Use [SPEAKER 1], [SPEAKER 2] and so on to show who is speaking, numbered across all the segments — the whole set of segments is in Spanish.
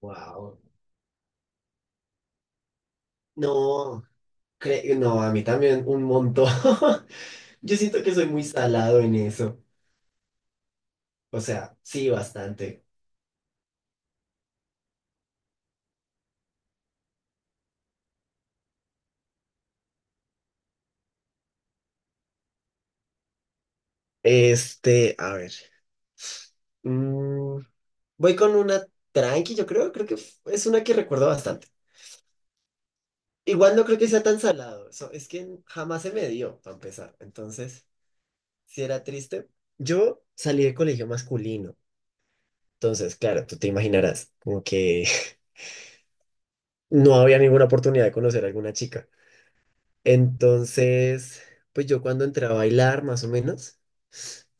[SPEAKER 1] Wow. No, no, a mí también un montón. Yo siento que soy muy salado en eso. O sea, sí, bastante. Este, a ver. mm, voy con una tranqui, yo creo. Creo que es una que recuerdo bastante. Igual no creo que sea tan salado. Es que jamás se me dio, para empezar. Entonces, si era triste. Yo salí de colegio masculino. Entonces, claro, tú te imaginarás, como que no había ninguna oportunidad de conocer a alguna chica. Entonces, pues yo cuando entré a bailar, más o menos,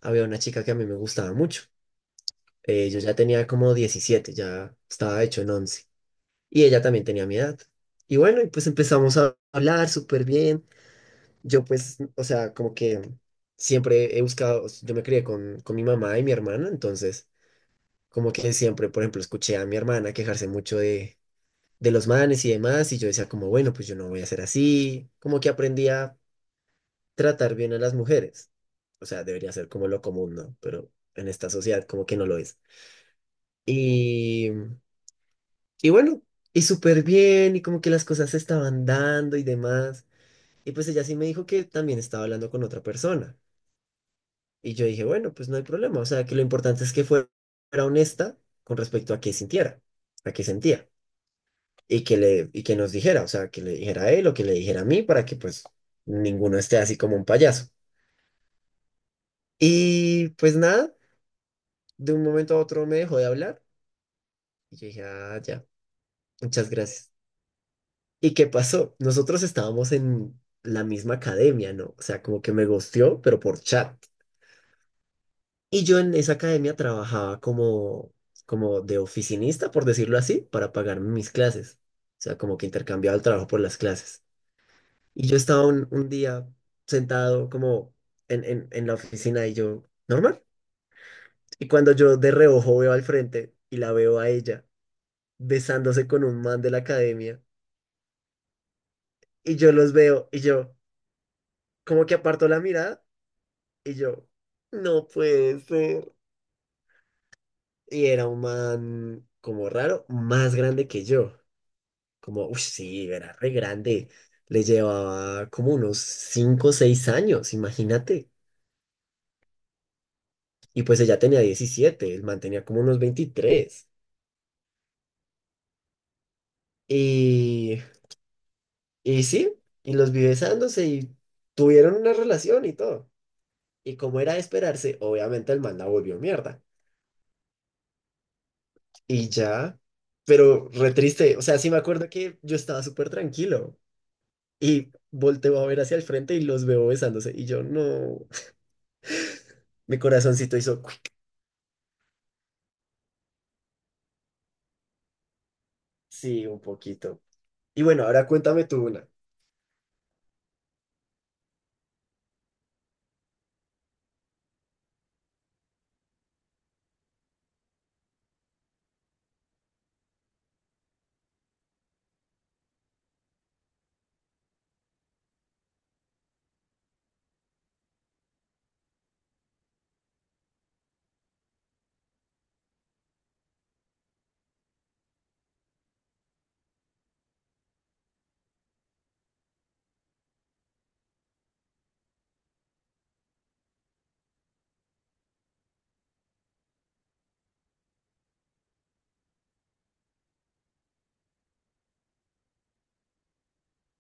[SPEAKER 1] había una chica que a mí me gustaba mucho. Yo ya tenía como 17, ya estaba hecho en 11. Y ella también tenía mi edad. Y bueno, y pues empezamos a hablar súper bien. Yo pues, o sea, como que siempre he buscado, o sea, yo me crié con mi mamá y mi hermana, entonces como que siempre, por ejemplo, escuché a mi hermana quejarse mucho de los manes y demás, y yo decía como, bueno, pues yo no voy a ser así. Como que aprendía tratar bien a las mujeres. O sea, debería ser como lo común, ¿no? Pero en esta sociedad como que no lo es. Y, y bueno, y súper bien, y como que las cosas se estaban dando y demás. Y pues ella sí me dijo que también estaba hablando con otra persona. Y yo dije, bueno, pues no hay problema. O sea, que lo importante es que fuera honesta con respecto a qué sintiera, a qué sentía. Y que nos dijera, o sea, que le dijera a él o que le dijera a mí para que pues ninguno esté así como un payaso. Y pues nada. De un momento a otro me dejó de hablar y yo dije, ah, ya, muchas gracias. ¿Y qué pasó? Nosotros estábamos en la misma academia, ¿no? O sea, como que me gosteó, pero por chat. Y yo en esa academia trabajaba como, como de oficinista, por decirlo así, para pagar mis clases. O sea, como que intercambiaba el trabajo por las clases. Y yo estaba un día sentado como en en la oficina y yo, normal. Y cuando yo de reojo veo al frente y la veo a ella besándose con un man de la academia. Y yo los veo y yo, como que aparto la mirada y yo, no puede ser. Y era un man como raro, más grande que yo. Como, uff, sí, era re grande. Le llevaba como unos 5 o 6 años, imagínate. Y pues ella tenía 17, el man tenía como unos 23. Y, y sí, y los vi besándose y tuvieron una relación y todo. Y como era de esperarse, obviamente el man la volvió mierda. Y ya, pero re triste, o sea, sí me acuerdo que yo estaba súper tranquilo y volteo a ver hacia el frente y los veo besándose y yo no, mi corazoncito hizo cuic. Sí, un poquito. Y bueno, ahora cuéntame tú una.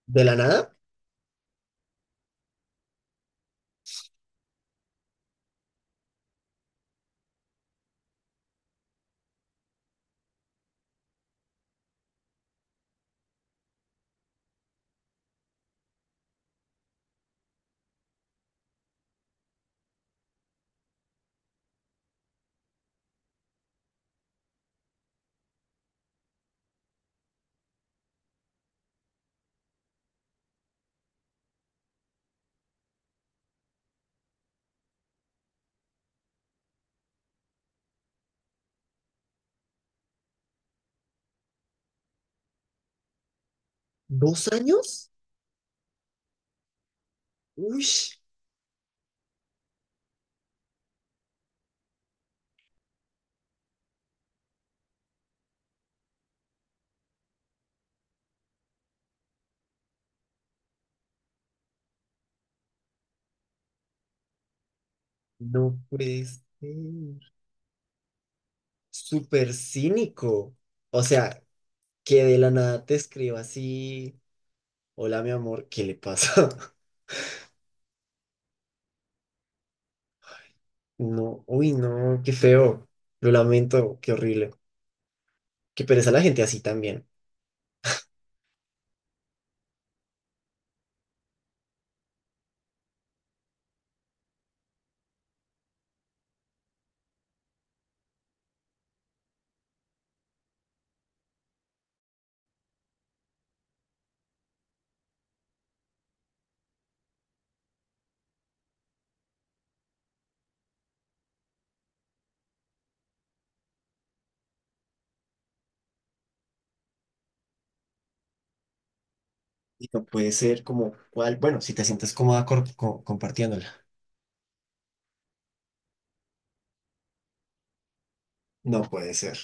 [SPEAKER 1] ¿De la nada? ¿Dos años? Uy, no puedes. Súper cínico. O sea, que de la nada te escriba así, hola mi amor, ¿qué le pasa? No, uy, no, qué feo. Lo lamento, qué horrible. Qué pereza la gente así también. Y no puede ser como cuál. Bueno, si te sientes cómoda compartiéndola. No puede ser.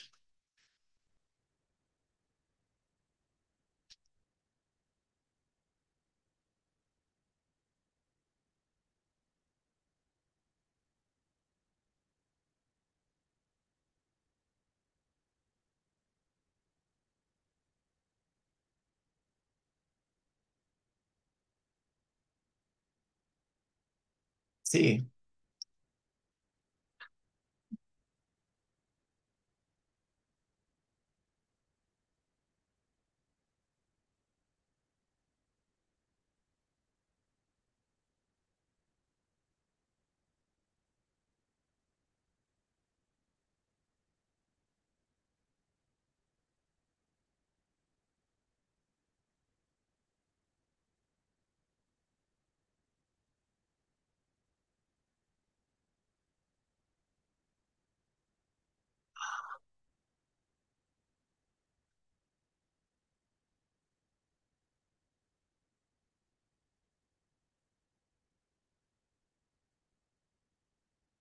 [SPEAKER 1] Sí,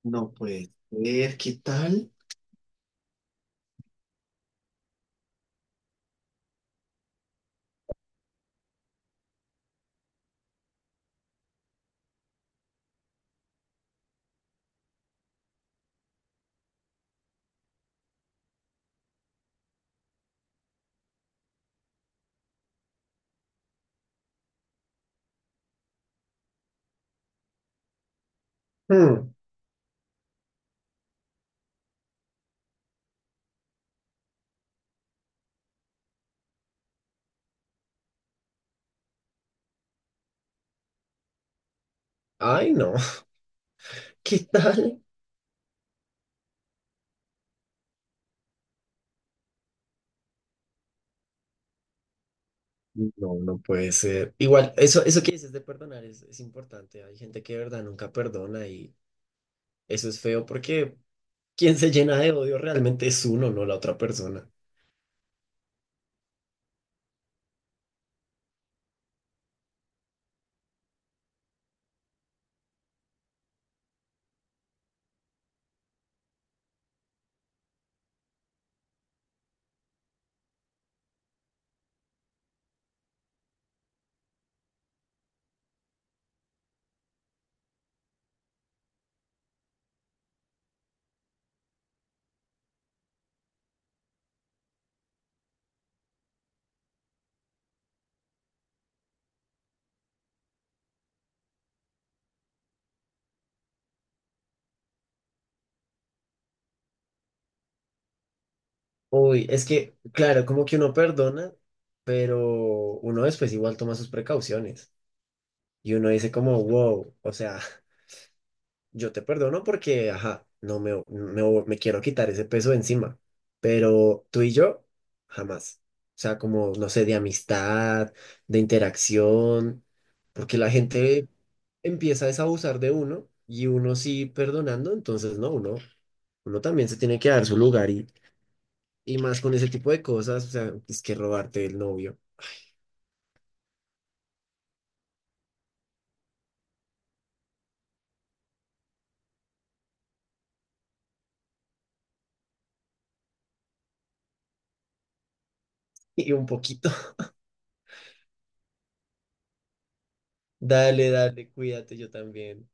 [SPEAKER 1] no puede ser. ¿Qué tal? Hmm. Ay, no. ¿Qué tal? No, no puede ser. Igual, eso que dices de perdonar es importante. Hay gente que de verdad nunca perdona y eso es feo porque quien se llena de odio realmente es uno, no la otra persona. Uy, es que, claro, como que uno perdona, pero uno después igual toma sus precauciones. Y uno dice como, wow, o sea, yo te perdono porque, ajá, no me quiero quitar ese peso de encima, pero tú y yo, jamás. O sea, como, no sé, de amistad, de interacción, porque la gente empieza es a abusar de uno y uno sí perdonando, entonces no, uno también se tiene que dar su lugar y más con ese tipo de cosas, o sea, es que robarte el novio. Y un poquito. Dale, dale, cuídate, yo también.